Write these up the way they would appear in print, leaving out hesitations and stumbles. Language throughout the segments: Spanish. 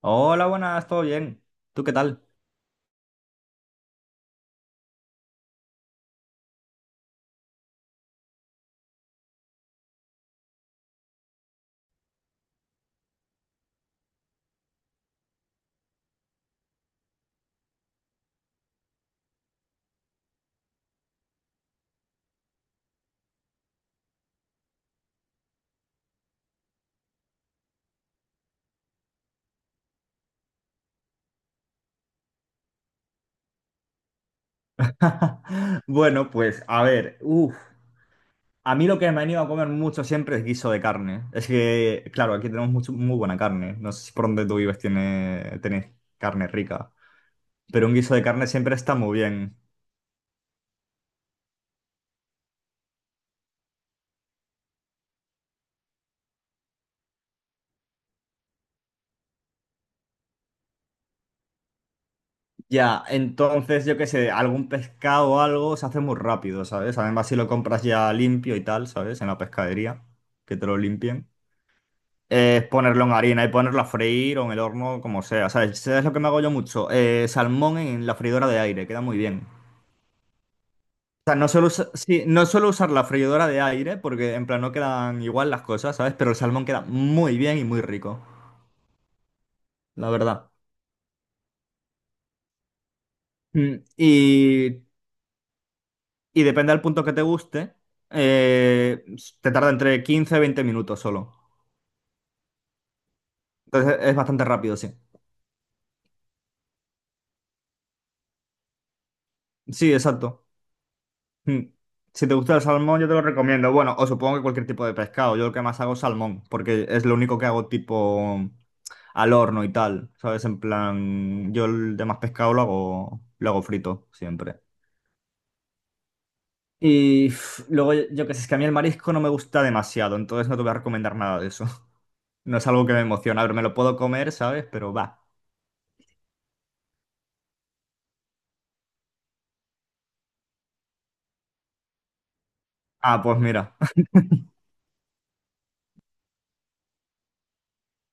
Hola, buenas, ¿todo bien? ¿Tú qué tal? Bueno, pues a ver, a mí lo que me ha ido a comer mucho siempre es guiso de carne. Es que, claro, aquí tenemos muy buena carne. No sé si por donde tú vives tiene, tenés carne rica, pero un guiso de carne siempre está muy bien. Ya, entonces yo qué sé, algún pescado o algo se hace muy rápido, ¿sabes? Además, si lo compras ya limpio y tal, ¿sabes? En la pescadería, que te lo limpien. Es ponerlo en harina y ponerlo a freír o en el horno, como sea. ¿Sabes? ¿Sabes lo que me hago yo mucho? Salmón en la freidora de aire, queda muy bien. O sea, no suelo, no suelo usar la freidora de aire porque en plan no quedan igual las cosas, ¿sabes? Pero el salmón queda muy bien y muy rico, la verdad. Mm, y depende del punto que te guste, eh, te tarda entre 15 y 20 minutos solo. Entonces es bastante rápido, sí. Sí, exacto. Mm. Si te gusta el salmón, yo te lo recomiendo. Bueno, o supongo que cualquier tipo de pescado. Yo lo que más hago es salmón, porque es lo único que hago tipo al horno y tal. ¿Sabes? En plan, yo el demás pescado lo hago frito siempre. Y uf, luego, yo qué sé, es que a mí el marisco no me gusta demasiado, entonces no te voy a recomendar nada de eso. No es algo que me emociona. A ver, me lo puedo comer, ¿sabes? Pero va. Ah, pues mira.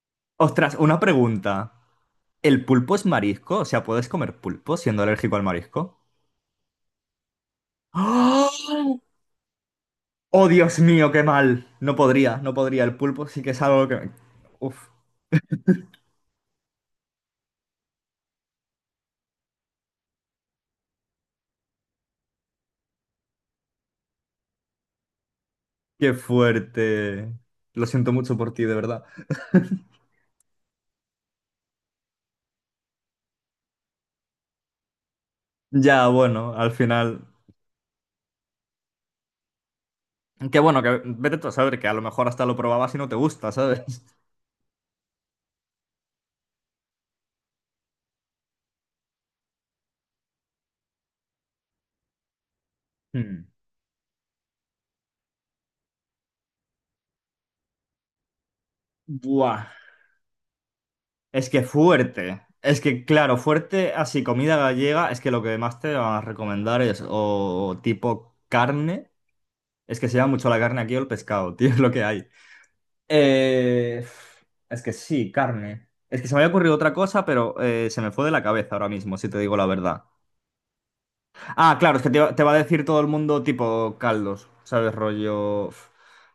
Ostras, una pregunta. ¿El pulpo es marisco? O sea, ¿puedes comer pulpo siendo alérgico al marisco? ¡Ah! Oh, Dios mío, qué mal. No podría, no podría. El pulpo sí que es algo que me... Uf, qué fuerte. Lo siento mucho por ti, de verdad. Ya, bueno, al final... Qué bueno, que vete tú a saber que a lo mejor hasta lo probabas y no te gusta, ¿sabes? Hmm. Buah, es que fuerte. Es que, claro, fuerte así, comida gallega, es que lo que más te van a recomendar es o tipo carne. Es que se llama mucho la carne aquí o el pescado, tío, es lo que hay. Eh, es que sí, carne. Es que se me había ocurrido otra cosa, pero se me fue de la cabeza ahora mismo, si te digo la verdad. Ah, claro, es que te va a decir todo el mundo tipo caldos, ¿sabes?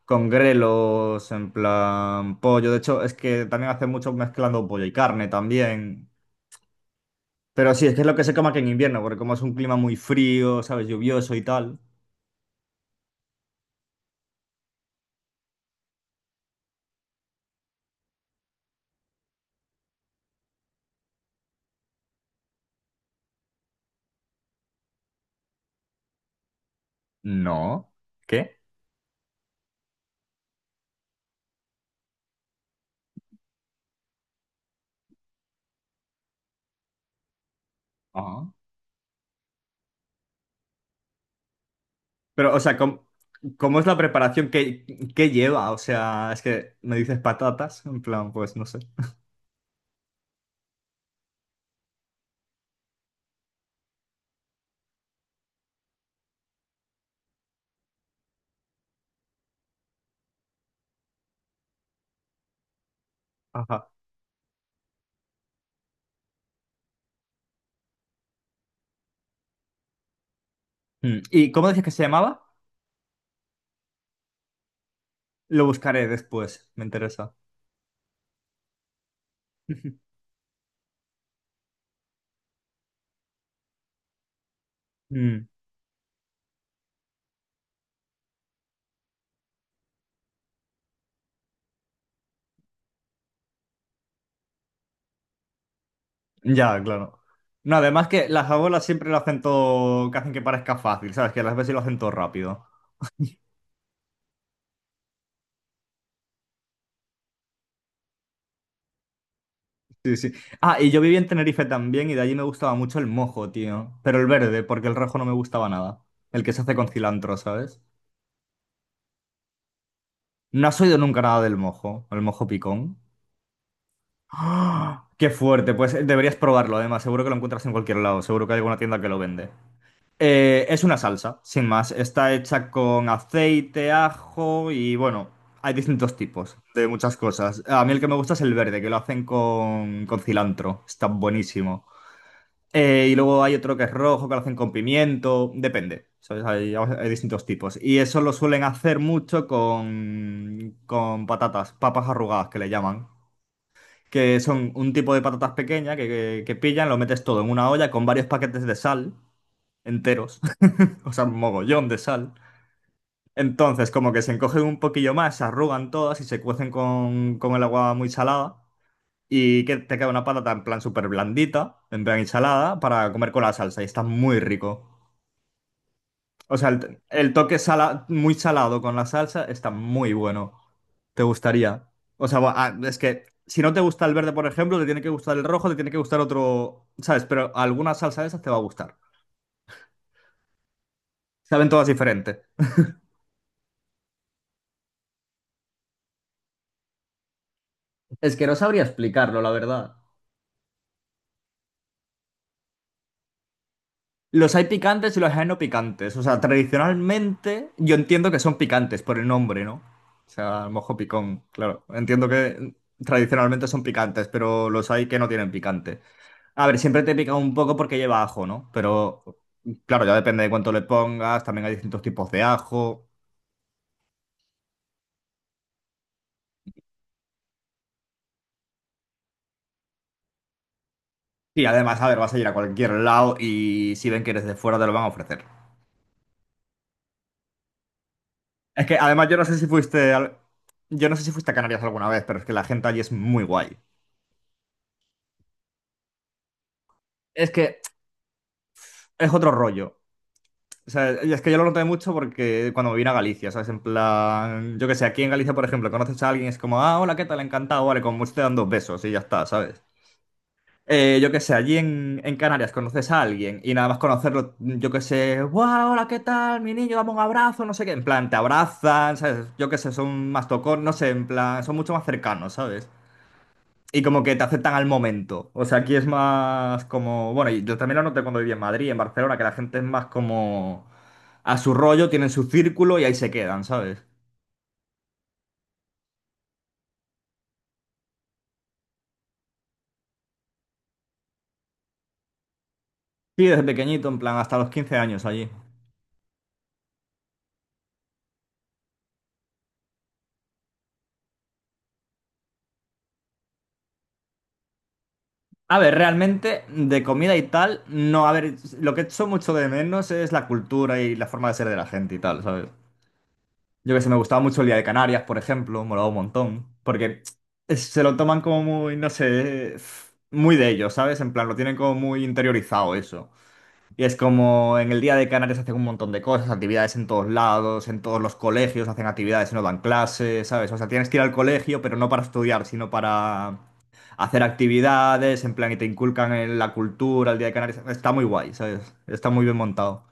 Con grelos, en plan pollo. De hecho, es que también hace mucho mezclando pollo y carne también. Pero sí, es que es lo que se come aquí en invierno, porque como es un clima muy frío, ¿sabes? Lluvioso y tal. No. ¿Qué? Pero, o sea, ¿cómo es la preparación? ¿Qué lleva? O sea, es que me dices patatas, en plan, pues no sé. Ajá. Mm. ¿Y cómo dices que se llamaba? Lo buscaré después, me interesa. Mm. Ya, claro. No, además que las abuelas siempre lo hacen todo, que hacen que parezca fácil, ¿sabes? Que las veces lo hacen todo rápido. Sí, sí. Ah, y yo viví en Tenerife también y de allí me gustaba mucho el mojo, tío. Pero el verde, porque el rojo no me gustaba nada. El que se hace con cilantro, ¿sabes? No has oído nunca nada del mojo, el mojo picón. ¡Ah! ¡Qué fuerte! Pues deberías probarlo, además. Seguro que lo encuentras en cualquier lado. Seguro que hay alguna tienda que lo vende. Es una salsa, sin más. Está hecha con aceite, ajo y bueno, hay distintos tipos de muchas cosas. A mí el que me gusta es el verde, que lo hacen con cilantro. Está buenísimo. Y luego hay otro que es rojo, que lo hacen con pimiento. Depende. ¿Sabes? Hay distintos tipos. Y eso lo suelen hacer mucho con patatas, papas arrugadas, que le llaman que son un tipo de patatas pequeñas que pillan, lo metes todo en una olla con varios paquetes de sal enteros, o sea, un mogollón de sal. Entonces, como que se encogen un poquillo más, se arrugan todas y se cuecen con el agua muy salada. Y que te queda una patata en plan súper blandita, en plan ensalada, para comer con la salsa. Y está muy rico. O sea, el muy salado con la salsa está muy bueno. ¿Te gustaría? O sea, es que si no te gusta el verde, por ejemplo, te tiene que gustar el rojo, te tiene que gustar otro, ¿sabes? Pero alguna salsa de esas te va a gustar. Saben todas diferentes. Es que no sabría explicarlo, la verdad. Los hay picantes y los hay no picantes. O sea, tradicionalmente yo entiendo que son picantes por el nombre, ¿no? O sea, mojo picón, claro. Entiendo que tradicionalmente son picantes, pero los hay que no tienen picante. A ver, siempre te pica un poco porque lleva ajo, ¿no? Pero claro, ya depende de cuánto le pongas, también hay distintos tipos de ajo. Y además, a ver, vas a ir a cualquier lado y si ven que eres de fuera te lo van a ofrecer. Es que además yo no sé si fuiste a Canarias alguna vez, pero es que la gente allí es muy guay. Es que es otro rollo. O sea, y es que yo lo noté mucho porque cuando me vine a Galicia, ¿sabes? En plan, yo qué sé, aquí en Galicia, por ejemplo, conoces a alguien y es como, ah, hola, ¿qué tal? Encantado, vale, como mucho te dan dos besos y ya está, ¿sabes? Yo qué sé, en Canarias conoces a alguien y nada más conocerlo, yo qué sé, ¡guau! Hola, ¿qué tal? Mi niño, dame un abrazo, no sé qué. En plan, te abrazan, ¿sabes? Yo qué sé, son más tocón, no sé, en plan, son mucho más cercanos, ¿sabes? Y como que te aceptan al momento. O sea, aquí es más como. Bueno, y yo también lo noté cuando viví en Madrid, en Barcelona, que la gente es más como a su rollo, tienen su círculo y ahí se quedan, ¿sabes? Sí, desde pequeñito, en plan, hasta los 15 años allí. A ver, realmente de comida y tal, no, a ver, lo que echo mucho de menos es la cultura y la forma de ser de la gente y tal, ¿sabes? Yo que sé, me gustaba mucho el Día de Canarias, por ejemplo, molaba un montón, porque se lo toman como muy, no sé, muy de ellos, ¿sabes? En plan, lo tienen como muy interiorizado eso. Y es como en el Día de Canarias hacen un montón de cosas, actividades en todos lados, en todos los colegios hacen actividades y no dan clases, ¿sabes? O sea, tienes que ir al colegio, pero no para estudiar, sino para hacer actividades, en plan, y te inculcan en la cultura, el Día de Canarias. Está muy guay, ¿sabes? Está muy bien montado.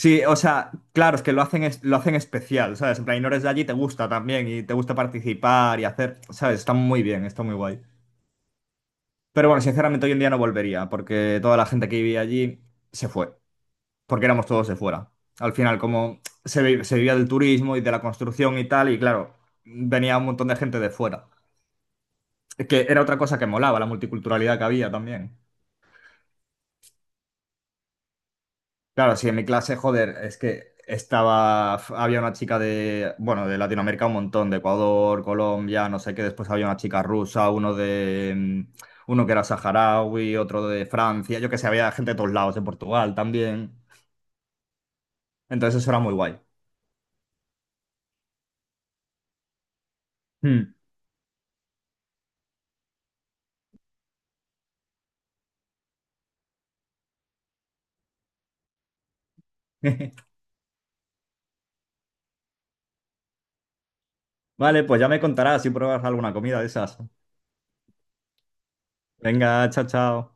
Sí, o sea, claro, es que lo hacen, lo hacen especial, ¿sabes? En plan, y no eres de allí, te gusta también, y te gusta participar y hacer, ¿sabes? Está muy bien, está muy guay. Pero bueno, sinceramente hoy en día no volvería, porque toda la gente que vivía allí se fue, porque éramos todos de fuera. Al final, como se vivía del turismo y de la construcción y tal, y claro, venía un montón de gente de fuera. Que era otra cosa que molaba, la multiculturalidad que había también. Claro, sí, en mi clase, joder, es que estaba, había una chica de, bueno, de Latinoamérica un montón, de Ecuador, Colombia, no sé qué, después había una chica rusa, uno de, mm, uno que era saharaui, otro de Francia, yo que sé, había gente de todos lados, de Portugal también. Entonces eso era muy guay. Hmm. Vale, pues ya me contarás si pruebas alguna comida de esas. Venga, chao, chao.